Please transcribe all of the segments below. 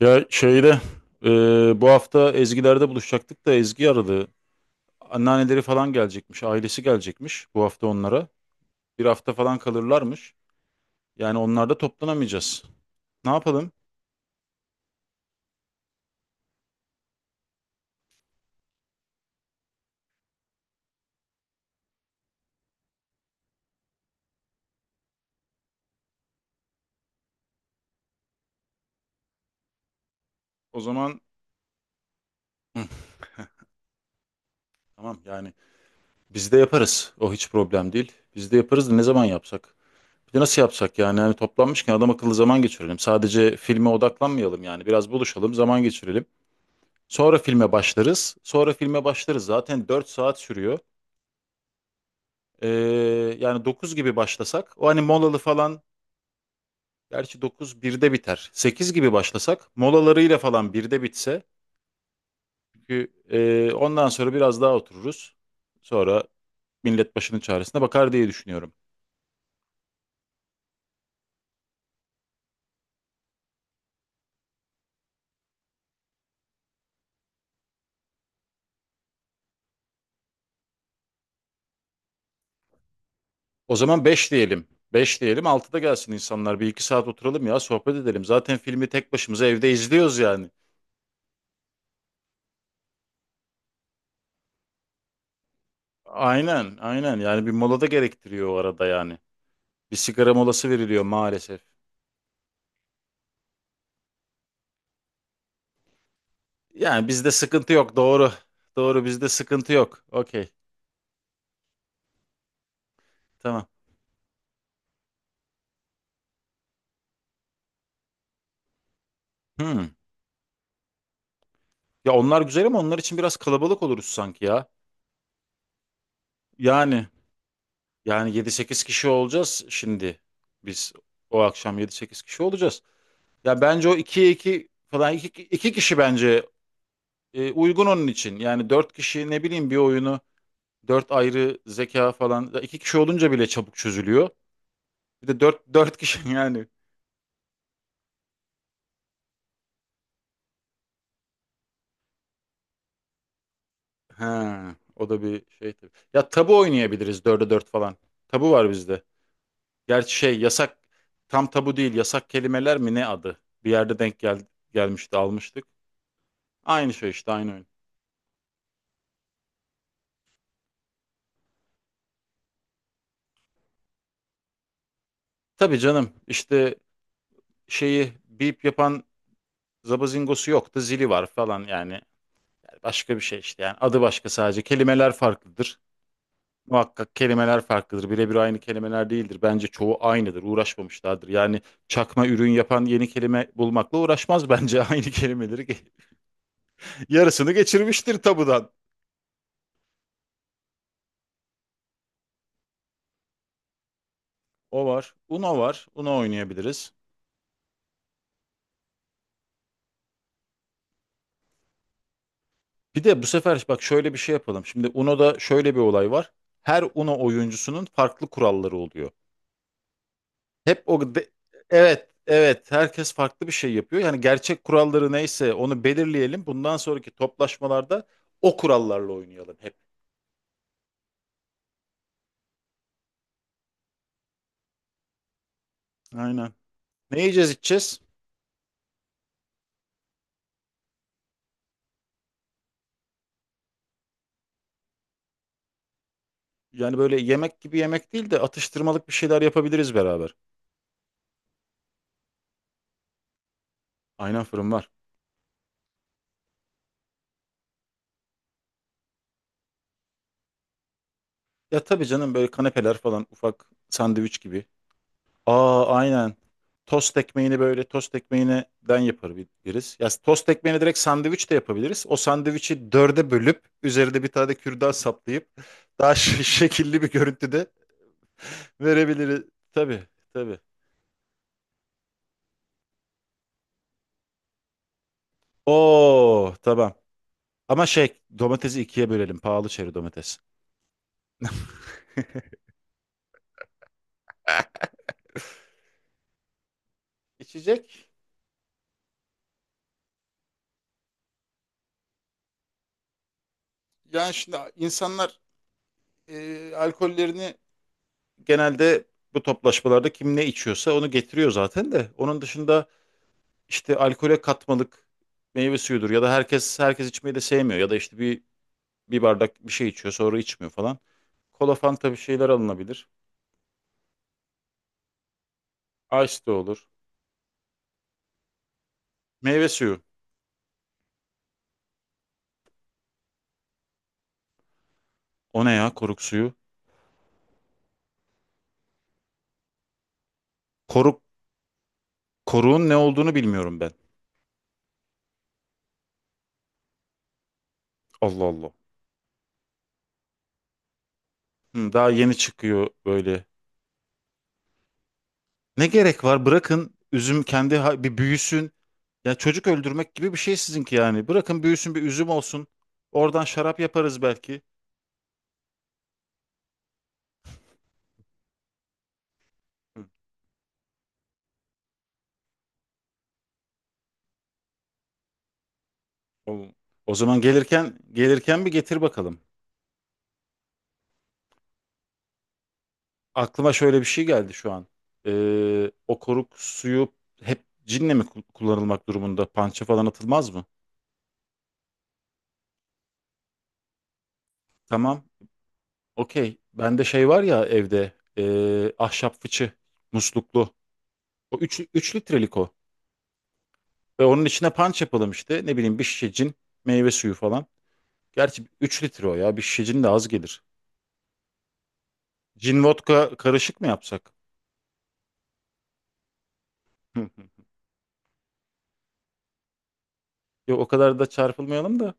Ya şeyde e, bu hafta Ezgiler'de buluşacaktık da Ezgi aradı. Anneanneleri falan gelecekmiş, ailesi gelecekmiş bu hafta onlara. Bir hafta falan kalırlarmış. Yani onlarda toplanamayacağız. Ne yapalım? O zaman. Hı, tamam yani biz de yaparız. O hiç problem değil. Biz de yaparız da ne zaman yapsak? Bir de nasıl yapsak yani? Yani toplanmışken adam akıllı zaman geçirelim. Sadece filme odaklanmayalım yani. Biraz buluşalım, zaman geçirelim. Sonra filme başlarız. Sonra filme başlarız. Zaten 4 saat sürüyor. Ee, yani 9 gibi başlasak, o hani molalı falan, gerçi 9'dan 1'de biter. 8 gibi başlasak molalarıyla falan 1'de bitse, çünkü ondan sonra biraz daha otururuz. Sonra millet başının çaresine bakar diye düşünüyorum. O zaman 5 diyelim. 5 diyelim, 6'da gelsin insanlar, bir 2 saat oturalım ya, sohbet edelim. Zaten filmi tek başımıza evde izliyoruz yani. Aynen, aynen, yani bir mola da gerektiriyor o arada yani. Bir sigara molası veriliyor maalesef. Yani bizde sıkıntı yok. Doğru. Doğru, bizde sıkıntı yok. Okey. Tamam. Hmm. Ya onlar güzel ama onlar için biraz kalabalık oluruz sanki ya. Yani yani 7-8 kişi olacağız şimdi. Biz o akşam 7-8 kişi olacağız. Ya bence o 2'ye 2 falan, 2 2 kişi bence uygun onun için. Yani 4 kişi ne bileyim bir oyunu, 4 ayrı zeka falan. Ya 2 kişi olunca bile çabuk çözülüyor. Bir de dört kişi yani. Ha, o da bir şey tabii. Ya tabu oynayabiliriz dörde dört falan. Tabu var bizde. Gerçi şey yasak, tam tabu değil, yasak kelimeler mi ne adı? Bir yerde denk gelmişti, almıştık. Aynı şey işte, aynı oyun. Tabii canım, işte şeyi bip yapan zabazingosu yoktu, zili var falan yani. Başka bir şey işte, yani adı başka, sadece kelimeler farklıdır. Muhakkak kelimeler farklıdır. Birebir aynı kelimeler değildir. Bence çoğu aynıdır. Uğraşmamışlardır. Yani çakma ürün yapan yeni kelime bulmakla uğraşmaz bence. Aynı kelimeleri yarısını geçirmiştir tabudan. O var. Uno var. Uno oynayabiliriz. Bir de bu sefer bak, şöyle bir şey yapalım. Şimdi Uno'da şöyle bir olay var. Her Uno oyuncusunun farklı kuralları oluyor. Hep o de- evet, evet herkes farklı bir şey yapıyor. Yani gerçek kuralları neyse onu belirleyelim. Bundan sonraki toplaşmalarda o kurallarla oynayalım hep. Aynen. Ne yiyeceğiz, içeceğiz? Yani böyle yemek gibi yemek değil de, atıştırmalık bir şeyler yapabiliriz beraber. Aynen, fırın var. Ya tabii canım, böyle kanepeler falan, ufak sandviç gibi. Aa, aynen. Tost ekmeğini böyle tost ekmeğinden yapabiliriz. Ya tost ekmeğini direkt sandviç de yapabiliriz. O sandviçi dörde bölüp üzerinde bir tane de kürdan saplayıp daha şekilli bir görüntüde verebiliriz. Tabii, tabii. Oo, tamam. Ama şey domatesi ikiye bölelim. Pahalı çeri domates. İçecek. Yani şimdi insanlar alkollerini genelde bu toplaşmalarda kim ne içiyorsa onu getiriyor zaten de. Onun dışında işte alkole katmalık meyve suyudur, ya da herkes içmeyi de sevmiyor, ya da işte bir bardak bir şey içiyor sonra içmiyor falan. Kola, Fanta, bir şeyler alınabilir. Ice de olur. Meyve suyu. O ne ya, koruk suyu? Koruk koruğun ne olduğunu bilmiyorum ben. Allah Allah. Hı, daha yeni çıkıyor böyle. Ne gerek var? Bırakın üzüm kendi bir büyüsün. Ya çocuk öldürmek gibi bir şey sizinki yani. Bırakın büyüsün, bir üzüm olsun. Oradan şarap yaparız belki. Hı. O, o zaman gelirken bir getir bakalım. Aklıma şöyle bir şey geldi şu an. O koruk suyu hep cinle mi kullanılmak durumunda? Pança falan atılmaz mı? Tamam. Okey. Bende şey var ya evde. Ahşap fıçı. Musluklu. O üç litrelik o. Ve onun içine punch yapalım işte. Ne bileyim, bir şişe cin, meyve suyu falan. Gerçi 3 litre o ya. Bir şişe cin de az gelir. Cin vodka karışık mı yapsak? Yok, o kadar da çarpılmayalım da.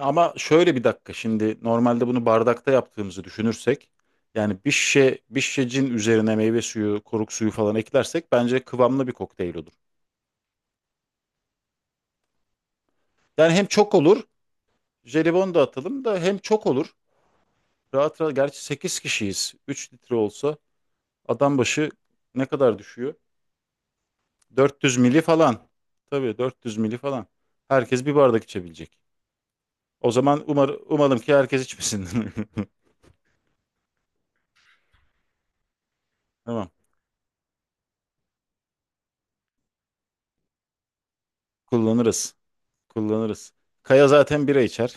Ama şöyle bir dakika, şimdi normalde bunu bardakta yaptığımızı düşünürsek, yani bir şişe cin üzerine meyve suyu, koruk suyu falan eklersek bence kıvamlı bir kokteyl olur. Yani hem çok olur, jelibon da atalım da hem çok olur. Rahat rahat, gerçi 8 kişiyiz. 3 litre olsa adam başı ne kadar düşüyor? 400 mili falan. Tabii, 400 mili falan. Herkes bir bardak içebilecek. O zaman umalım ki herkes içmesin. Tamam. Kullanırız. Kullanırız. Kaya zaten bira içer.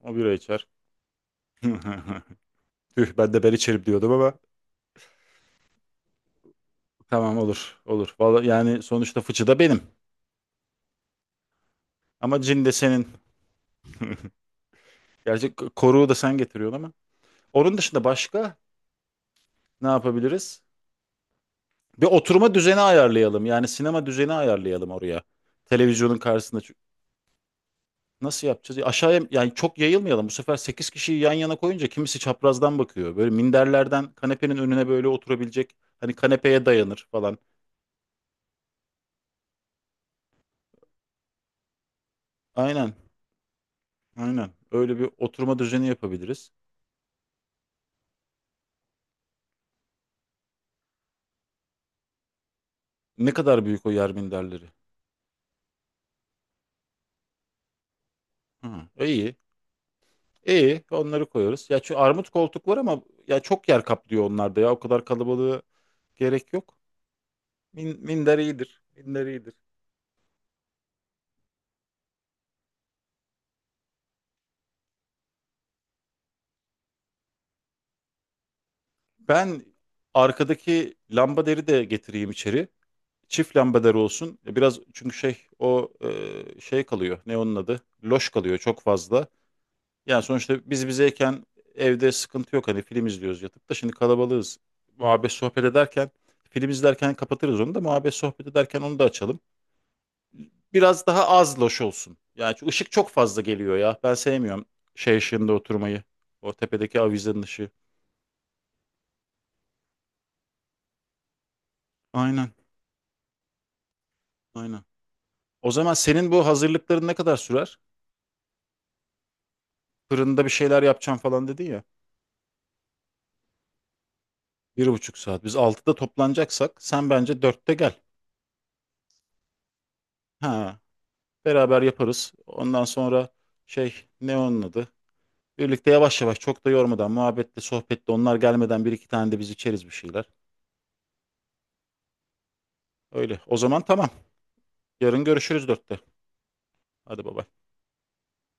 O bira içer. Tüh, ben de ben içerim diyordum ama. Tamam, olur. Olur. Vallahi yani, sonuçta fıçı da benim. Ama cin de senin. Gerçi koruğu da sen getiriyorsun ama. Onun dışında başka ne yapabiliriz? Bir oturma düzeni ayarlayalım. Yani sinema düzeni ayarlayalım oraya. Televizyonun karşısında. Nasıl yapacağız? Aşağıya, yani çok yayılmayalım. Bu sefer 8 kişiyi yan yana koyunca kimisi çaprazdan bakıyor. Böyle minderlerden kanepenin önüne böyle oturabilecek. Hani kanepeye dayanır falan. Aynen. Aynen. Öyle bir oturma düzeni yapabiliriz. Ne kadar büyük o yer minderleri? Hı, iyi. İyi. Onları koyarız. Ya şu armut koltuk var ama ya, çok yer kaplıyor onlarda ya. O kadar kalabalığı gerek yok. Minder iyidir. Minder iyidir. Ben arkadaki lamba deri de getireyim içeri. Çift lambaları olsun. Biraz, çünkü şey o şey kalıyor. Ne onun adı? Loş kalıyor çok fazla. Yani sonuçta biz bizeyken evde sıkıntı yok. Hani film izliyoruz yatıp da, şimdi kalabalığız. Muhabbet sohbet ederken film izlerken kapatırız onu da, muhabbet sohbet ederken onu da açalım. Biraz daha az loş olsun. Yani çünkü ışık çok fazla geliyor ya. Ben sevmiyorum şey ışığında oturmayı. O tepedeki avizenin ışığı. Aynen, aynen. O zaman senin bu hazırlıkların ne kadar sürer? Fırında bir şeyler yapacağım falan dedin ya. 1,5 saat. Biz 6'da toplanacaksak sen bence 4'te gel. Ha, beraber yaparız. Ondan sonra şey, ne onun adı? Birlikte yavaş yavaş, çok da yormadan, muhabbetle sohbetle, onlar gelmeden bir iki tane de biz içeriz bir şeyler. Öyle. O zaman tamam. Yarın görüşürüz 4'te. Hadi baba.